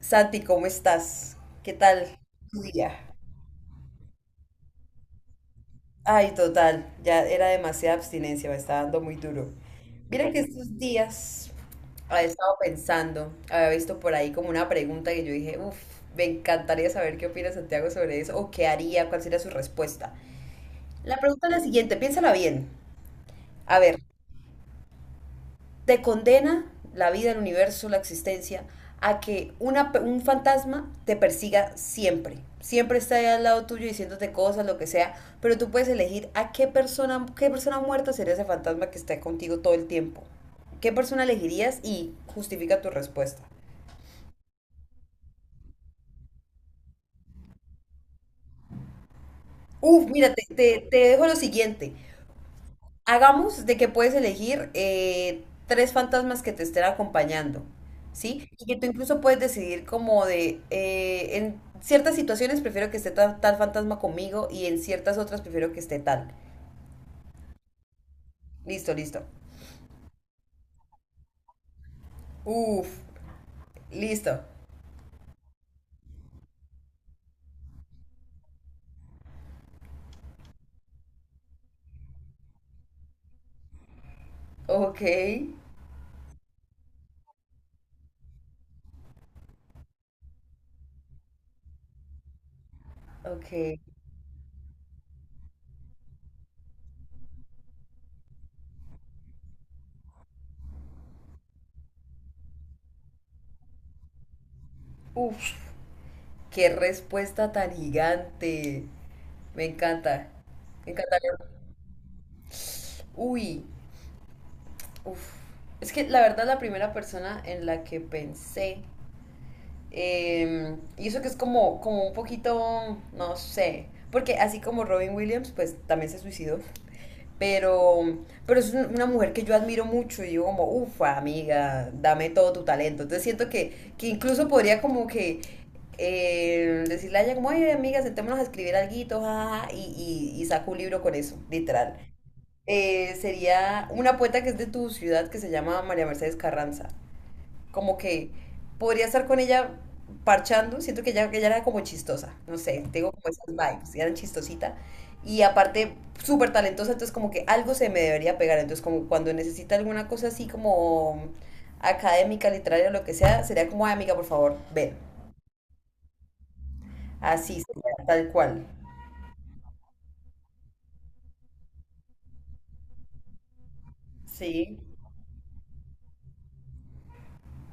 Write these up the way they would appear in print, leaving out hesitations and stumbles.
Santi, ¿cómo estás? ¿Qué tal tu día? Ay, total, ya era demasiada abstinencia, me está dando muy duro. Mira que estos días había estado pensando, había visto por ahí como una pregunta que yo dije, uff, me encantaría saber qué opina Santiago sobre eso o qué haría, cuál sería su respuesta. La pregunta es la siguiente, piénsala bien. A ver, te condena la vida, el universo, la existencia, a que un fantasma te persiga siempre. Siempre está ahí al lado tuyo diciéndote cosas, lo que sea, pero tú puedes elegir a qué persona muerta sería ese fantasma que está contigo todo el tiempo. ¿Qué persona elegirías y justifica tu respuesta? Uf, mira, te dejo lo siguiente. Hagamos de que puedes elegir tres fantasmas que te estén acompañando, ¿sí? Y que tú incluso puedes decidir como en ciertas situaciones prefiero que esté tal, fantasma conmigo y en ciertas otras prefiero que esté tal. Listo, listo. Uf, listo. Ok, ok. Uf, qué respuesta tan gigante. Me encanta. Me encanta. Uy, uf. Es que la verdad la primera persona en la que pensé. Y eso que es como, un poquito, no sé, porque así como Robin Williams, pues también se suicidó. Pero, pero es una mujer que yo admiro mucho y digo como, ufa, amiga, dame todo tu talento. Entonces siento que incluso podría como que decirle a ella como, ay, amiga, sentémonos a escribir alguito, jajaja", y saco un libro con eso, literal. Sería una poeta que es de tu ciudad que se llama María Mercedes Carranza, como que podría estar con ella parchando. Siento que ella era como chistosa, no sé, tengo como esas vibes, ella era chistosita y aparte súper talentosa, entonces como que algo se me debería pegar. Entonces como cuando necesita alguna cosa así como académica, literaria, lo que sea, sería como, "Ay, amiga, por favor, ven", así, sería, tal cual, sí,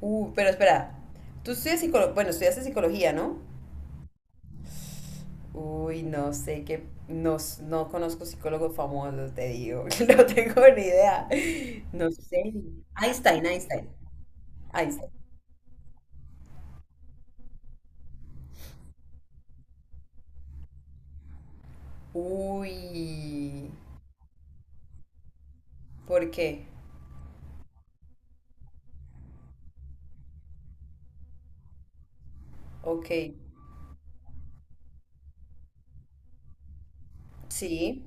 pero espera, tú estudias psicología, bueno, estudiaste psicología, ¿no? Uy, no sé qué, no, no conozco psicólogos famosos, te digo, no tengo ni idea. No sé. Einstein, Einstein. Einstein. Uy, ¿por qué? Ok, sí.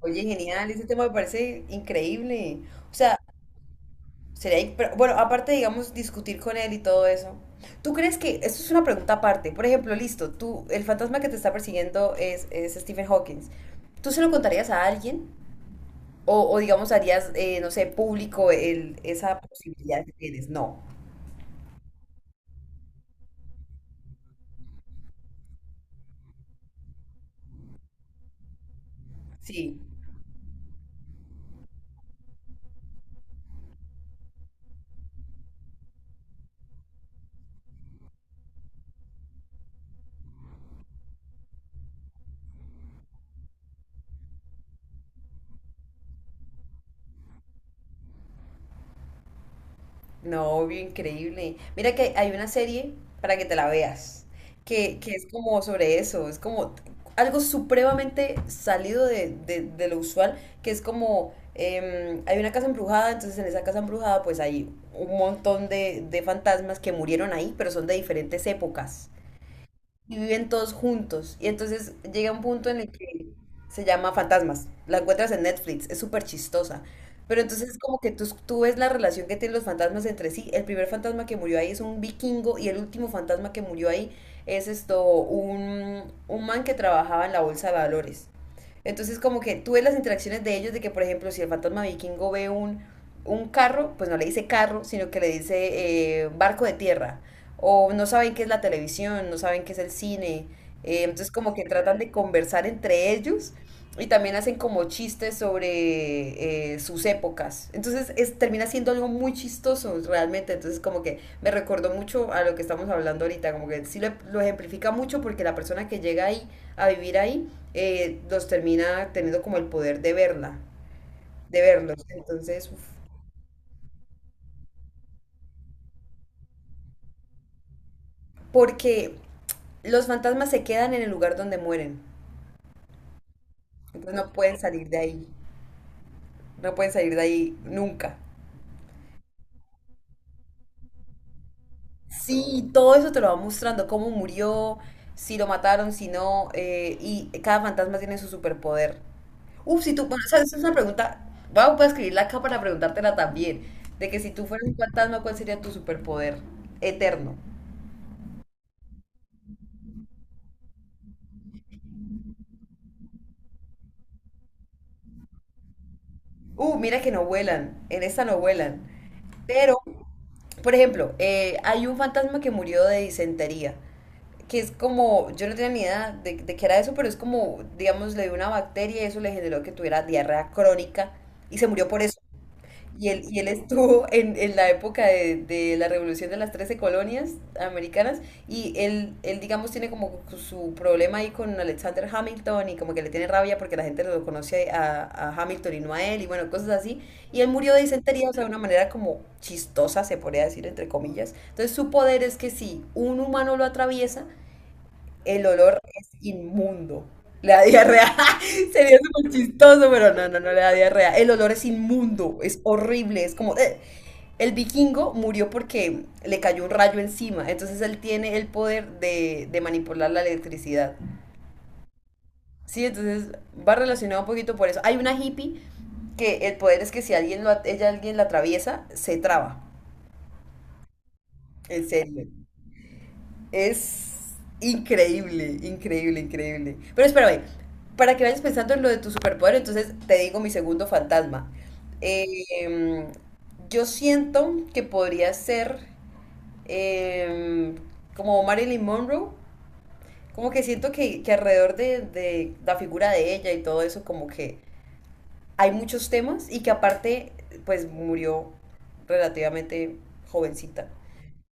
Oye, genial, ese tema me parece increíble. O sea, sería, pero, bueno, aparte, digamos, discutir con él y todo eso. ¿Tú crees que, esto es una pregunta aparte, por ejemplo, listo, tú, el fantasma que te está persiguiendo es Stephen Hawking? ¿Tú se lo contarías a alguien? O digamos, harías, no sé, público esa posibilidad que tienes. No. Sí. No, obvio, increíble. Mira que hay una serie para que te la veas, que es como sobre eso, es como algo supremamente salido de lo usual, que es como, hay una casa embrujada, entonces en esa casa embrujada pues hay un montón de fantasmas que murieron ahí, pero son de diferentes épocas. Y viven todos juntos. Y entonces llega un punto en el que se llama Fantasmas. La encuentras en Netflix, es súper chistosa. Pero entonces como que tú ves la relación que tienen los fantasmas entre sí. El primer fantasma que murió ahí es un vikingo, y el último fantasma que murió ahí es esto, un man que trabajaba en la bolsa de valores. Entonces como que tú ves las interacciones de ellos, de que, por ejemplo, si el fantasma vikingo ve un carro, pues no le dice carro, sino que le dice barco de tierra, o no saben qué es la televisión, no saben qué es el cine. Entonces como que tratan de conversar entre ellos y también hacen como chistes sobre sus épocas. Entonces termina siendo algo muy chistoso realmente. Entonces como que me recordó mucho a lo que estamos hablando ahorita, como que sí lo ejemplifica mucho, porque la persona que llega ahí a vivir ahí los termina teniendo como el poder de verla, de verlos. Entonces, uf, porque los fantasmas se quedan en el lugar donde mueren. Entonces no pueden salir de ahí, no pueden salir de ahí nunca. Sí, todo eso te lo va mostrando, cómo murió, si lo mataron, si no, y cada fantasma tiene su superpoder. Uf, si tú, bueno, esa es una pregunta, voy a escribirla acá para preguntártela también, de que si tú fueras un fantasma, ¿cuál sería tu superpoder eterno? Mira que no vuelan, en esta no vuelan, pero, por ejemplo, hay un fantasma que murió de disentería, que es como, yo no tenía ni idea de qué era eso, pero es como, digamos, le dio una bacteria y eso le generó que tuviera diarrea crónica, y se murió por eso. Y él estuvo en la época de la revolución de las 13 colonias americanas, y él, digamos, tiene como su problema ahí con Alexander Hamilton, y como que le tiene rabia porque la gente lo conoce a Hamilton y no a él, y bueno, cosas así. Y él murió de disentería, o sea, de una manera como chistosa, se podría decir, entre comillas. Entonces su poder es que si un humano lo atraviesa, el olor es inmundo. Le da diarrea. Sería súper chistoso, pero no, no, no le da diarrea. El olor es inmundo, es horrible, es como... "Ugh". El vikingo murió porque le cayó un rayo encima, entonces él tiene el poder de manipular la electricidad. Sí, entonces va relacionado un poquito por eso. Hay una hippie que el poder es que si alguien ella alguien la atraviesa, se traba. En serio. Es increíble, increíble, increíble. Pero espérame, para que vayas pensando en lo de tu superpoder, entonces te digo mi segundo fantasma. Eh, yo siento que podría ser eh, como Marilyn Monroe, como que siento que alrededor de la figura de ella y todo eso, como que hay muchos temas, y que aparte, pues murió relativamente jovencita.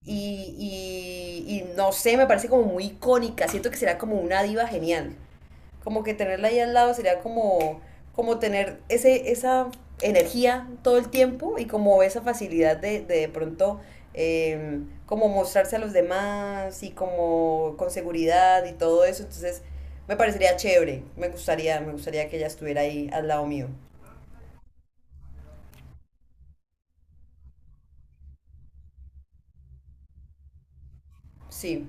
Y no sé, me parece como muy icónica. Siento que será como una diva genial. Como que tenerla ahí al lado sería como, tener esa energía todo el tiempo, y como esa facilidad de pronto eh, como mostrarse a los demás y como con seguridad y todo eso. Entonces me parecería chévere. Me gustaría que ella estuviera ahí al lado mío. Sí.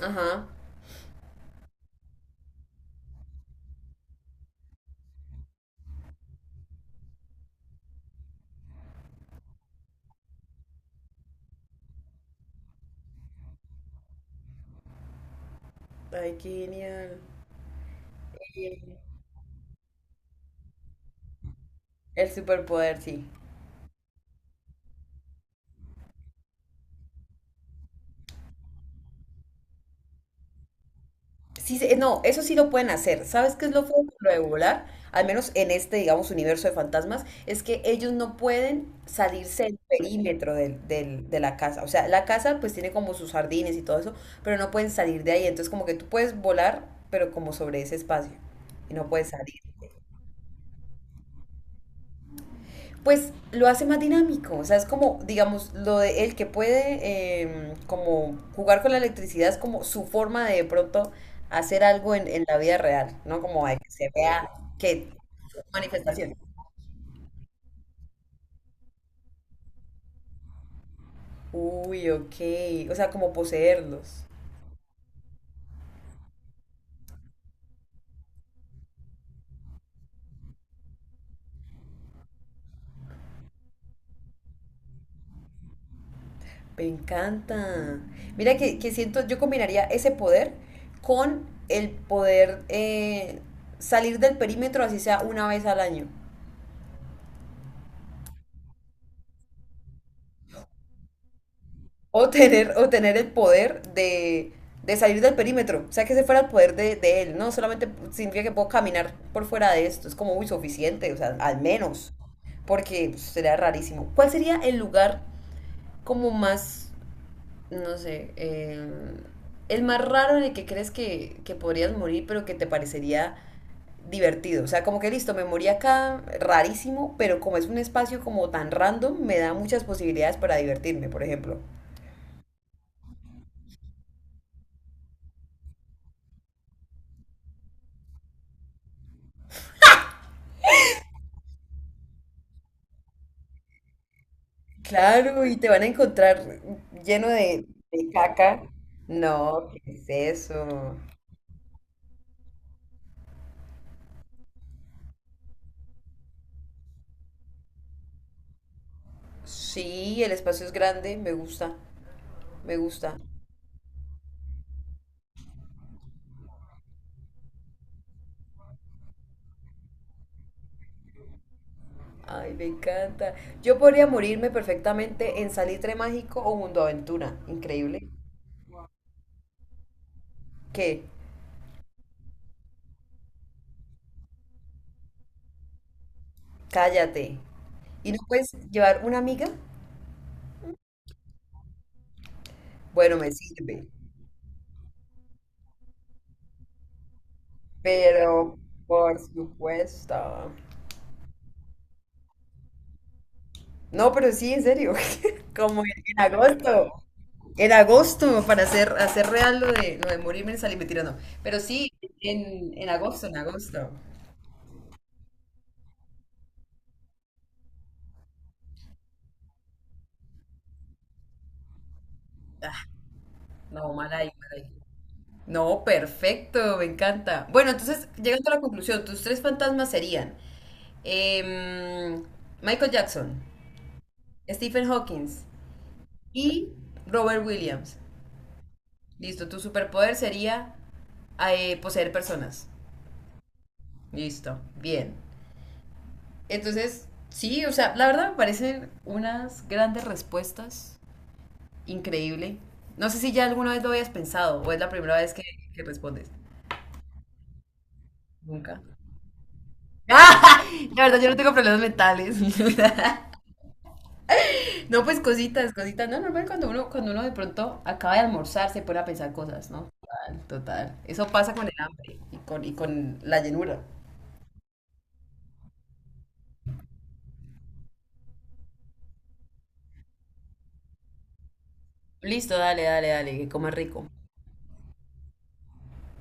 Ajá. Ay, qué genial. El superpoder, sí. Sí, no, eso sí lo pueden hacer. ¿Sabes qué es lo feo de lo de volar? Al menos en este, digamos, universo de fantasmas, es que ellos no pueden salirse del perímetro de la casa. O sea, la casa pues tiene como sus jardines y todo eso, pero no pueden salir de ahí. Entonces como que tú puedes volar, pero como sobre ese espacio. Y no puedes salir. Pues lo hace más dinámico. O sea, es como, digamos, lo de él que puede como jugar con la electricidad, es como su forma de pronto hacer algo en la vida real, ¿no? Como de que se vea que manifestación. Uy, ok. O sea, como poseerlos. Me encanta. Mira que siento, yo combinaría ese poder con el poder salir del perímetro, así sea una vez al año. O tener el poder de salir del perímetro. O sea, que ese fuera el poder de él. No solamente significa que puedo caminar por fuera de esto. Es como muy suficiente, o sea, al menos. Porque pues, sería rarísimo. ¿Cuál sería el lugar como más, no sé, el más raro en el que crees que podrías morir, pero que te parecería divertido? O sea, como que listo, me morí acá, rarísimo, pero como es un espacio como tan random, me da muchas posibilidades para divertirme, por ejemplo. Claro, y te van a encontrar lleno de caca. No, ¿qué es eso? Sí, el espacio es grande, me gusta, me gusta. Ay, me encanta. Yo podría morirme perfectamente en Salitre Mágico o Mundo Aventura. Increíble. ¿Qué? Cállate. ¿Y no puedes llevar una amiga? Bueno, me sirve. Pero, por supuesto. No, pero sí, en serio. Como en agosto. En agosto, para hacer real lo de morirme en sal y mentira, no. Pero sí, en agosto, en agosto. Ah, no, mal ahí, mal ahí. No, perfecto, me encanta. Bueno, entonces, llegando a la conclusión, tus tres fantasmas serían em, Michael Jackson, Stephen Hawking y Robert Williams. Listo, tu superpoder sería poseer personas. Listo, bien. Entonces, sí, o sea, la verdad me parecen unas grandes respuestas. Increíble. No sé si ya alguna vez lo habías pensado o es la primera vez que respondes. Nunca. ¡Ah! La verdad, yo no tengo problemas mentales. No, pues cositas, cositas. No, normal cuando uno, de pronto acaba de almorzar se pone a pensar cosas, ¿no? Total, total. Eso pasa con el hambre y y con la llenura. Listo, dale, dale, dale, que coma rico.